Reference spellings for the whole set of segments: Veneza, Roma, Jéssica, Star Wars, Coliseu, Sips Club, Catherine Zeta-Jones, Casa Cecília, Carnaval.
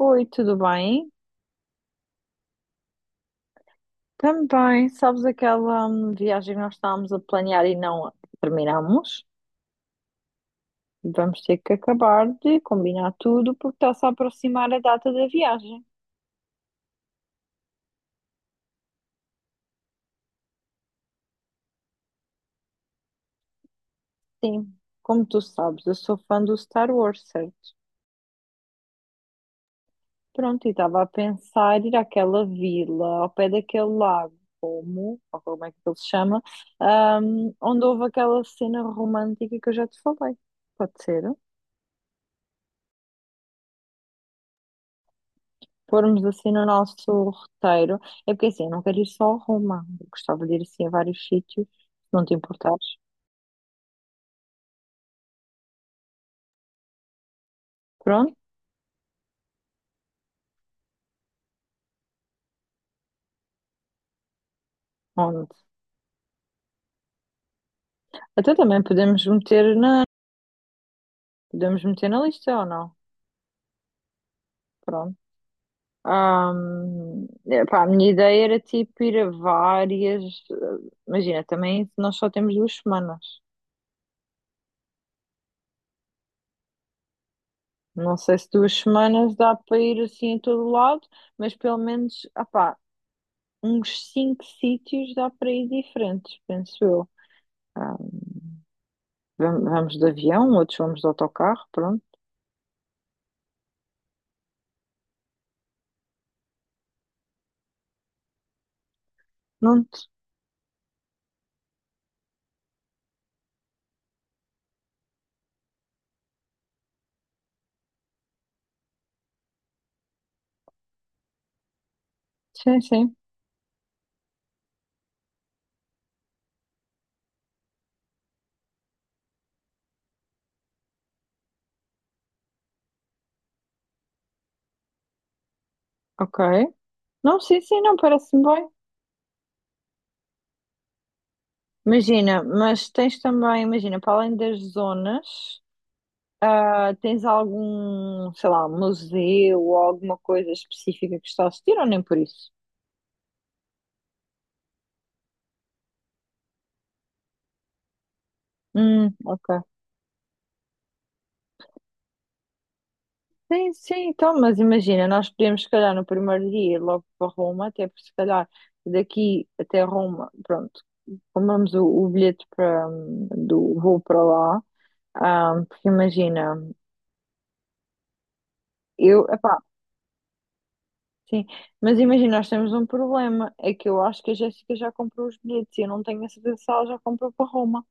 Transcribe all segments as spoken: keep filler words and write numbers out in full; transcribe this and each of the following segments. Oi, tudo bem? Também, sabes aquela hum, viagem que nós estávamos a planear e não terminamos? Vamos ter que acabar de combinar tudo porque está-se a aproximar a data da viagem. Sim, como tu sabes, eu sou fã do Star Wars, certo? Pronto, e estava a pensar ir àquela vila ao pé daquele lago, como, ou como é que ele se chama, hum, onde houve aquela cena romântica que eu já te falei. Pode ser? Formos assim no nosso roteiro, é porque assim, eu não quero ir só a Roma, eu gostava de ir assim a vários sítios, se não te importares. Pronto, onde? Até também podemos meter na, podemos meter na lista ou não? Pronto. Ahm, epá, a minha ideia era tipo ir a várias. eh, Imagina, também nós só temos duas semanas. Não sei se duas semanas dá para ir assim a todo lado, mas pelo menos, ah pá, uns cinco sítios dá para ir diferentes, penso eu. Ah, Vam- Vamos de avião, outros vamos de autocarro, pronto. Não, te- sim, sim, ok. Não, sim, sim, não, parece-me bem. Imagina, mas tens também, imagina, para além das zonas, ah, tens algum, sei lá, museu ou alguma coisa específica que está a assistir ou nem por isso? Hum, ok. Sim, sim, então, mas imagina, nós podemos, se calhar, no primeiro dia ir logo para Roma, até porque, se calhar, daqui até Roma, pronto, compramos o, o bilhete para, hum, do voo para lá. Ah, porque imagina, eu, epá, sim, mas imagina, nós temos um problema, é que eu acho que a Jéssica já comprou os bilhetes e eu não tenho a certeza se ela já comprou para Roma.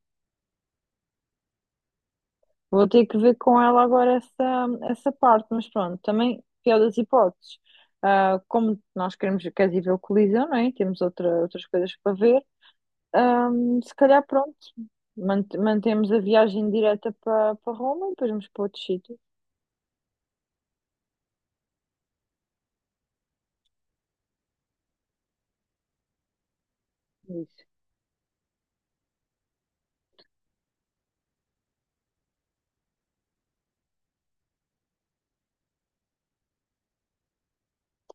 Vou ter que ver com ela agora essa, essa parte, mas pronto, também, pior das hipóteses, ah, como nós queremos, queres ir ver o Coliseu, não é? Temos outra, outras coisas para ver, ah, se calhar pronto, mant- mantemos a viagem direta para para Roma e depois vamos para outro sítio. Isso.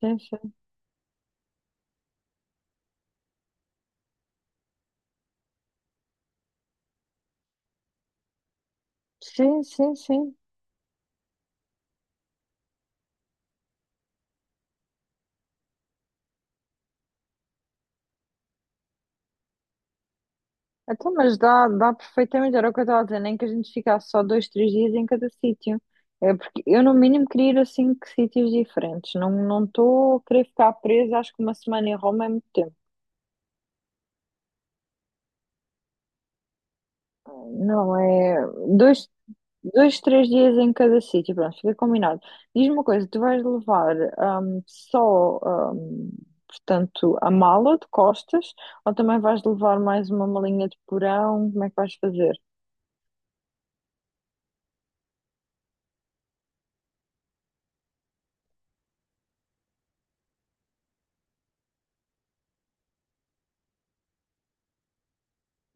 Sim, sim, sim, sim, sim. Então, mas dá, dá perfeitamente, era o que eu estava a dizer, nem que a gente ficasse só dois, três dias em cada sítio. É porque eu, no mínimo, queria ir a cinco sítios diferentes. Não não estou a querer ficar presa, acho que uma semana em Roma é muito tempo. Não, é dois, dois, três dias em cada sítio, pronto, fica combinado. Diz-me uma coisa, tu vais levar hum, só, hum, portanto, a mala de costas ou também vais levar mais uma malinha de porão? Como é que vais fazer?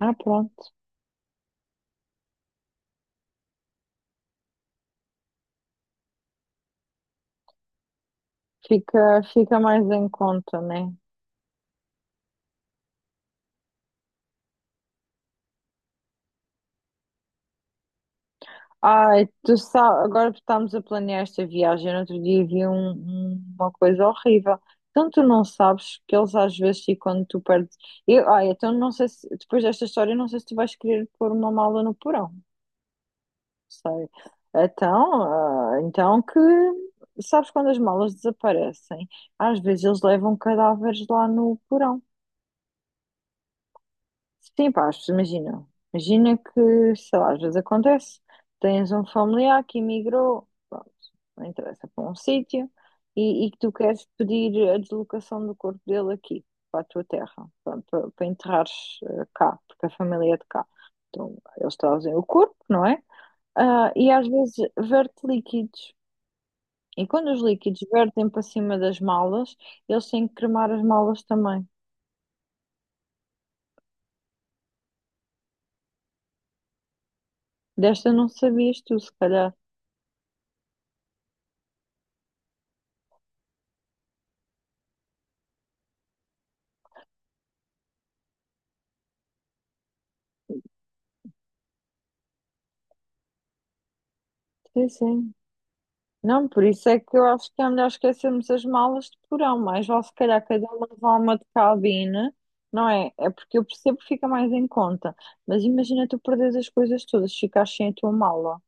Ah, pronto. Fica, fica mais em conta, né? Ai, tu sabe, agora que estamos a planear esta viagem. No outro dia vi um- um- uma coisa horrível. Então tu não sabes que eles às vezes e quando tu perdes. Eu, ai, então não sei se depois desta história não sei se tu vais querer pôr uma mala no porão. Sei. Então, ah, então que sabes quando as malas desaparecem? Às vezes eles levam cadáveres lá no porão. Sim, pá, as imagina. Imagina que, sei lá, às vezes acontece, tens um familiar que emigrou, pronto, não interessa, para um sítio, e, e que tu queres pedir a deslocação do corpo dele aqui, para a tua terra, para, para, para enterrares eh, cá, porque a família é de cá. Então, eles trazem o corpo, não é? Ah, e às vezes verte líquidos. E quando os líquidos vertem para cima das malas, eles têm que cremar as malas também. Desta não sabias tu, se calhar. Sim, sim. Não, por isso é que eu acho que é melhor esquecermos as malas de porão, mas vale se calhar cada um levar uma de cabine, não é? É porque eu percebo que fica mais em conta, mas imagina tu perderes as coisas todas, ficares sem a tua mala.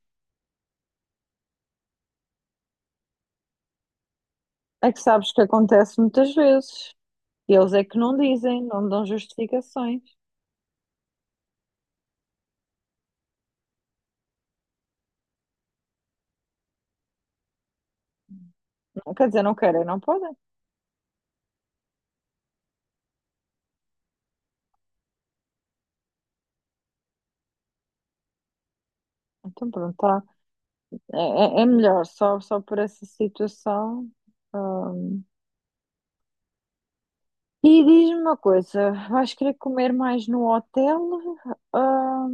É que sabes que acontece muitas vezes, e eles é que não dizem, não dão justificações. Não- Quer dizer, não querem, não podem. Então pronto, tá. É, é- é melhor, só, só por essa situação. Ah. E diz-me uma coisa, vais querer comer mais no hotel? Ah,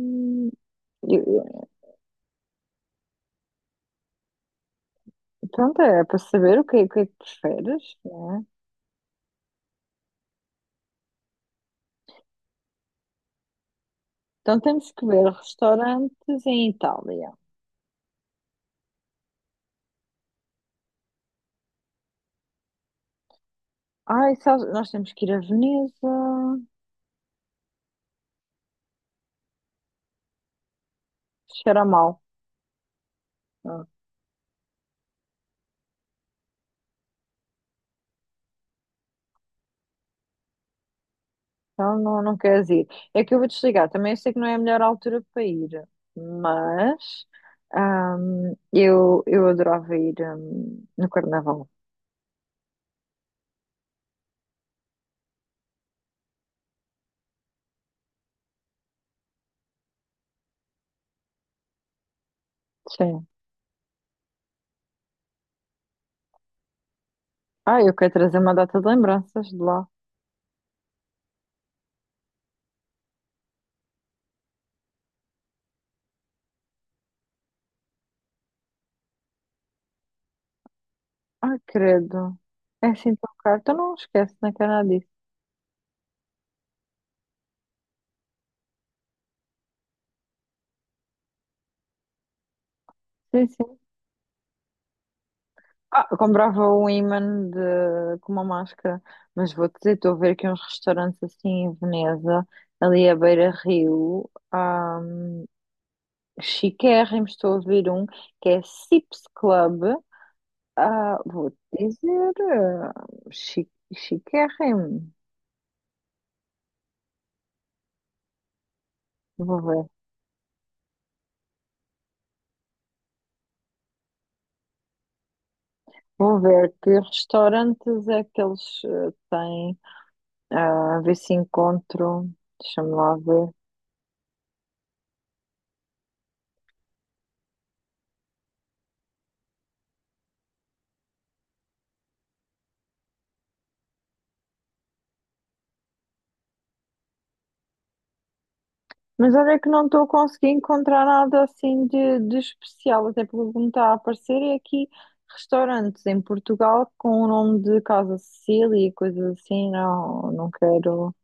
E, e, pronto, é para saber o que, é- o que é que preferes. Então temos que ver restaurantes em Itália. Ai, sabes, nós temos que ir a Veneza. Cheira mal. Ah, então não, não queres ir. É que eu vou desligar. Também eu sei que não é a melhor altura para ir, mas ahm, eu, eu adorava ir ahm, no Carnaval. Sim. Ai, eu quero trazer uma data de lembranças de lá. Ai, credo. É assim tão caro. Então não esquece, não é que é nada disso. Sim, sim. Ah, eu comprava um imã de, com uma máscara, mas vou-te dizer, estou a ver aqui uns restaurantes assim em Veneza, ali à beira-rio, um, chiquérrimos, estou a ouvir um que é Sips Club, ah, vou-te dizer, ah, chi, chiquérrimo, vou ver, vou ver que restaurantes é que eles ah, têm. Ah, a ver se encontro, deixa-me lá ver. Mas olha que não estou a conseguir encontrar nada assim de, de especial, até porque o que me está a aparecer é aqui restaurantes em Portugal com o nome de Casa Cecília e coisas assim, não, não quero.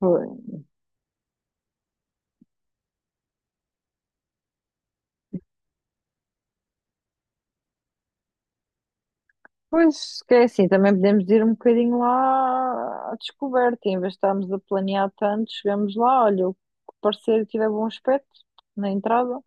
Pois, pois, que é assim, também podemos ir um bocadinho lá à descoberta, em vez de estarmos a planear tanto, chegamos lá, olha, o que parecer que tiver bom aspecto na entrada.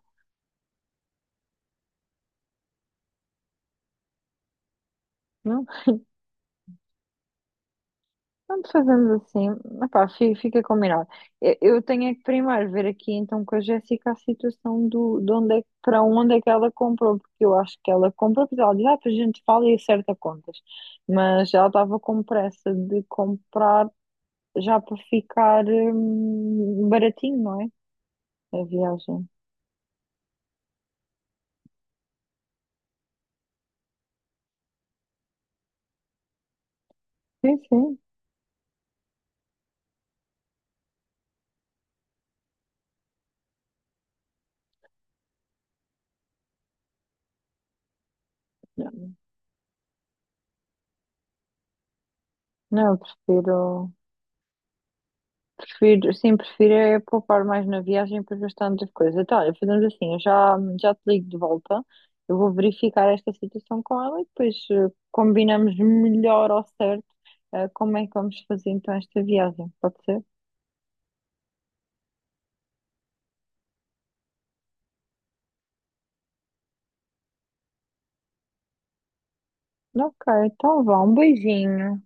Pronto, fazemos assim. Epá, fi- fica combinado. Eu eu tenho é que primeiro ver aqui então com a Jéssica a situação do, de onde é, que- para onde é que ela comprou, porque eu acho que ela comprou, porque ela diz, ah, para a gente fala e acerta contas. Mas ela estava com pressa de comprar já para ficar hum, baratinho, não é? A viagem. Sim, sim. Não, eu prefiro. Prefiro, sim, prefiro é poupar mais na viagem para gastar outras coisas. Então, olha, fazemos assim, eu já, já te ligo de volta, eu vou verificar esta situação com ela e depois eh, combinamos melhor ao certo eh, como é que vamos fazer então esta viagem, pode ser? Ok, então vá, um beijinho.